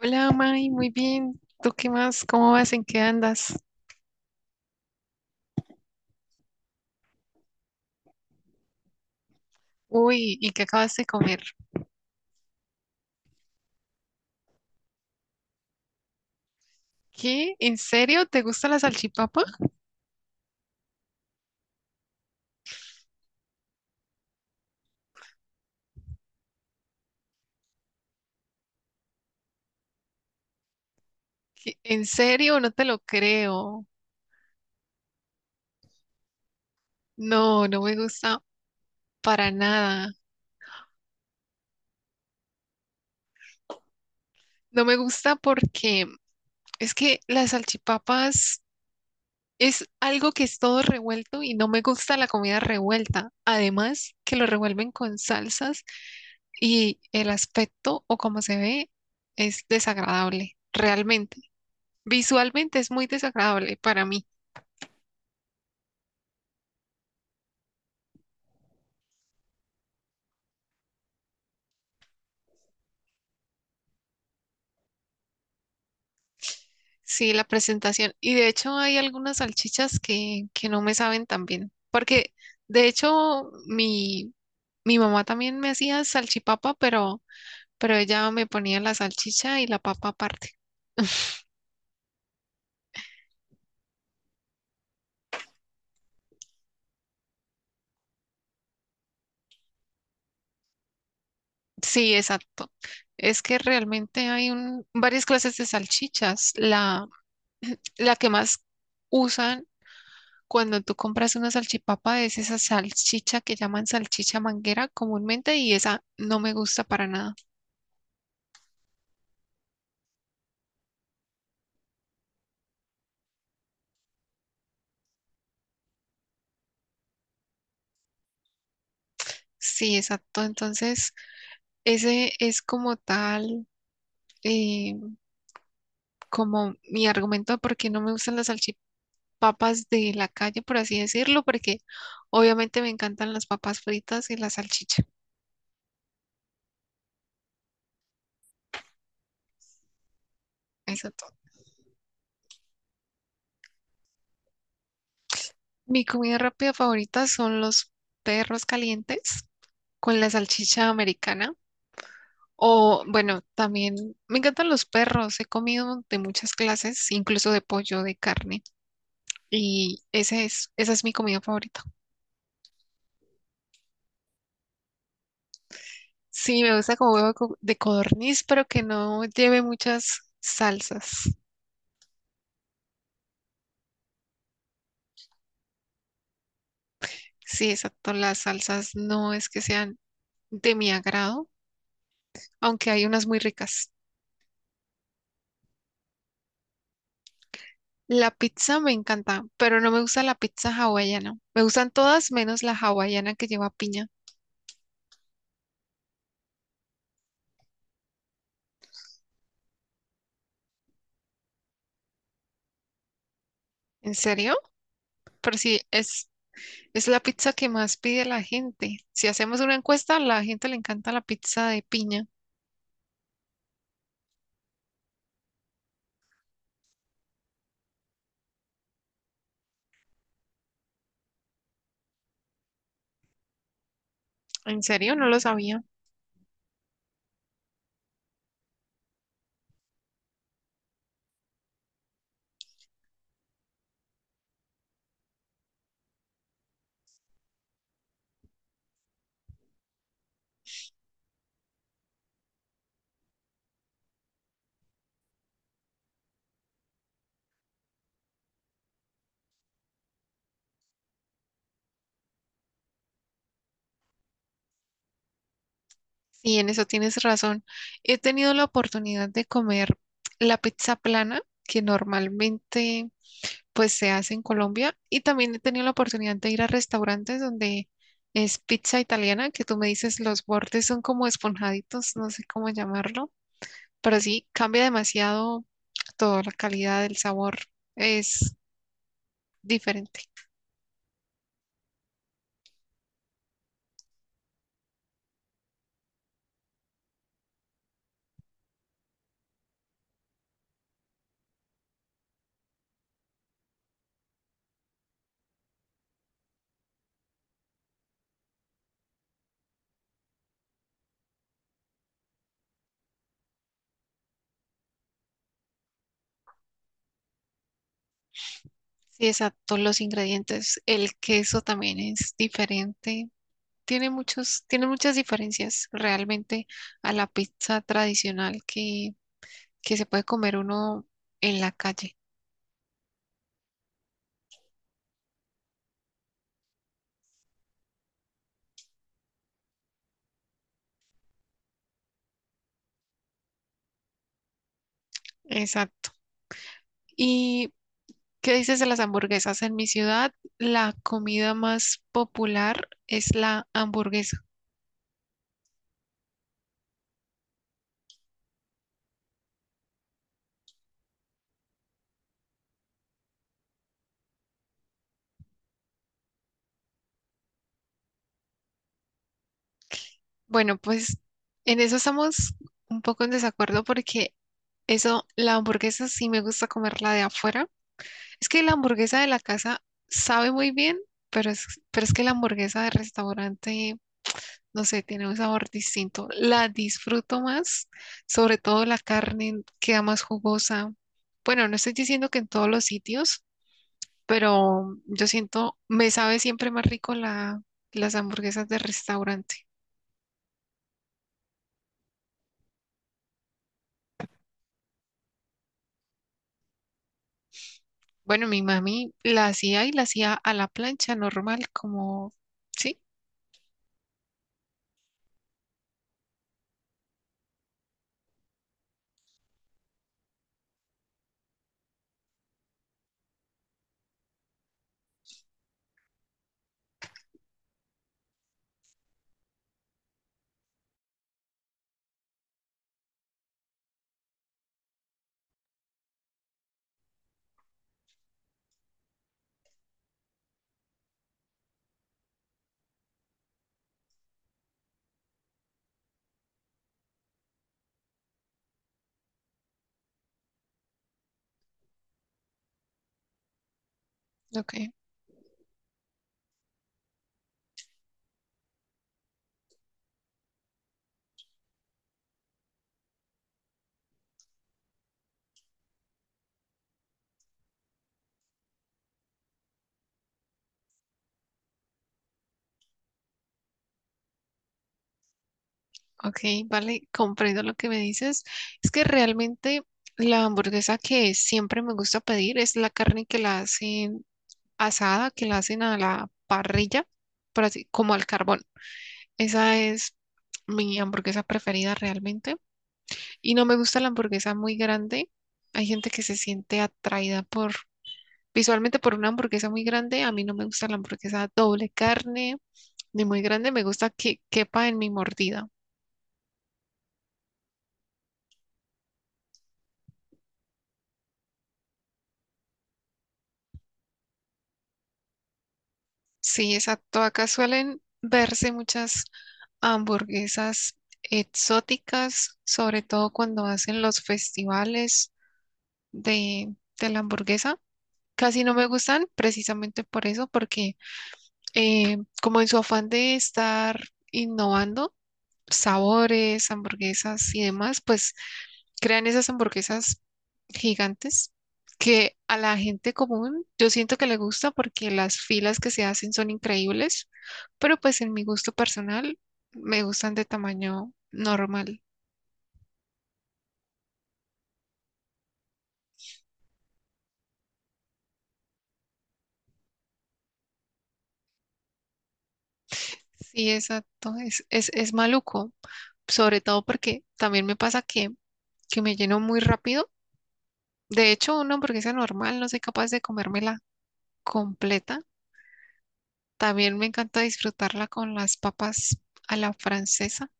Hola, May, muy bien. ¿Tú qué más? ¿Cómo vas? ¿En qué andas? Uy, ¿y qué acabas de comer? ¿Qué? ¿En serio? ¿Te gusta la salchipapa? ¿Qué? ¿En serio? No te lo creo. No, no me gusta para nada. No me gusta porque es que las salchipapas es algo que es todo revuelto y no me gusta la comida revuelta. Además, que lo revuelven con salsas y el aspecto o como se ve es desagradable, realmente. Visualmente es muy desagradable para mí, sí, la presentación. Y de hecho hay algunas salchichas que no me saben tan bien, porque de hecho mi mamá también me hacía salchipapa, pero ella me ponía la salchicha y la papa aparte. Sí, exacto. Es que realmente hay varias clases de salchichas. La que más usan cuando tú compras una salchipapa, es esa salchicha que llaman salchicha manguera comúnmente y esa no me gusta para nada. Sí, exacto. Entonces, ese es como tal, eh, como mi argumento de por qué no me gustan las salchipapas de la calle, por así decirlo, porque obviamente me encantan las papas fritas y la salchicha. Exacto. Mi comida rápida favorita son los perros calientes con la salchicha americana. O bueno, también me encantan los perros. He comido de muchas clases, incluso de pollo, de carne. Y ese es, esa es mi comida favorita. Sí, me gusta como huevo de codorniz, pero que no lleve muchas salsas. Sí, exacto. Las salsas no es que sean de mi agrado, aunque hay unas muy ricas. La pizza me encanta, pero no me gusta la pizza hawaiana. Me gustan todas menos la hawaiana que lleva piña. ¿En serio? Pero sí, es la pizza que más pide la gente. Si hacemos una encuesta, a la gente le encanta la pizza de piña. ¿En serio? No lo sabía. Sí, en eso tienes razón. He tenido la oportunidad de comer la pizza plana, que normalmente pues se hace en Colombia, y también he tenido la oportunidad de ir a restaurantes donde es pizza italiana, que tú me dices los bordes son como esponjaditos, no sé cómo llamarlo, pero sí, cambia demasiado toda la calidad el sabor, es diferente. Sí, exacto, los ingredientes. El queso también es diferente. Tiene muchos, tiene muchas diferencias realmente a la pizza tradicional que se puede comer uno en la calle. Exacto. ¿Y qué dices de las hamburguesas? En mi ciudad, la comida más popular es la hamburguesa. Bueno, pues en eso estamos un poco en desacuerdo porque eso, la hamburguesa sí me gusta comerla de afuera. Es que la hamburguesa de la casa sabe muy bien, pero es que la hamburguesa de restaurante, no sé, tiene un sabor distinto. La disfruto más, sobre todo la carne queda más jugosa. Bueno, no estoy diciendo que en todos los sitios, pero yo siento, me sabe siempre más rico las hamburguesas de restaurante. Bueno, mi mami la hacía y la hacía a la plancha normal, como, sí, ok. Ok, vale, comprendo lo que me dices. Es que realmente la hamburguesa que siempre me gusta pedir es la carne que la hacen asada, que la hacen a la parrilla, por así, como al carbón. Esa es mi hamburguesa preferida realmente. Y no me gusta la hamburguesa muy grande. Hay gente que se siente atraída por, visualmente por una hamburguesa muy grande. A mí no me gusta la hamburguesa doble carne, ni muy grande. Me gusta que quepa en mi mordida. Sí, exacto. Acá suelen verse muchas hamburguesas exóticas, sobre todo cuando hacen los festivales de, de la hamburguesa. Casi no me gustan precisamente por eso, porque como en su afán de estar innovando sabores, hamburguesas y demás, pues crean esas hamburguesas gigantes que a la gente común yo siento que le gusta porque las filas que se hacen son increíbles, pero pues en mi gusto personal me gustan de tamaño normal. Sí, exacto, es maluco, sobre todo porque también me pasa que me lleno muy rápido. De hecho, una hamburguesa normal no soy capaz de comérmela completa. También me encanta disfrutarla con las papas a la francesa.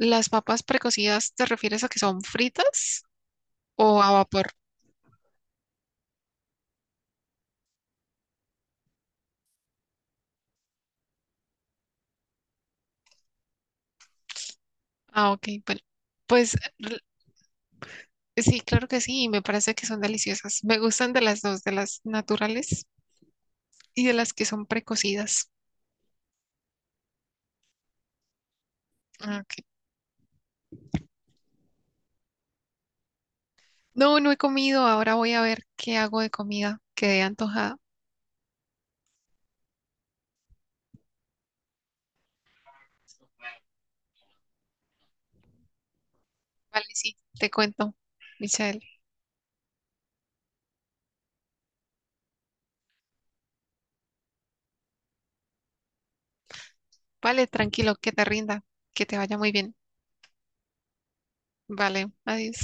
¿Las papas precocidas te refieres a que son fritas o a vapor? Ah, ok, bueno. Pues sí, claro que sí, y me parece que son deliciosas. Me gustan de las dos, de las naturales y de las que son precocidas. Ah, ok. No, no he comido, ahora voy a ver qué hago de comida. Quedé antojada. Vale, sí, te cuento, Michelle. Vale, tranquilo, que te rinda, que te vaya muy bien. Vale, adiós.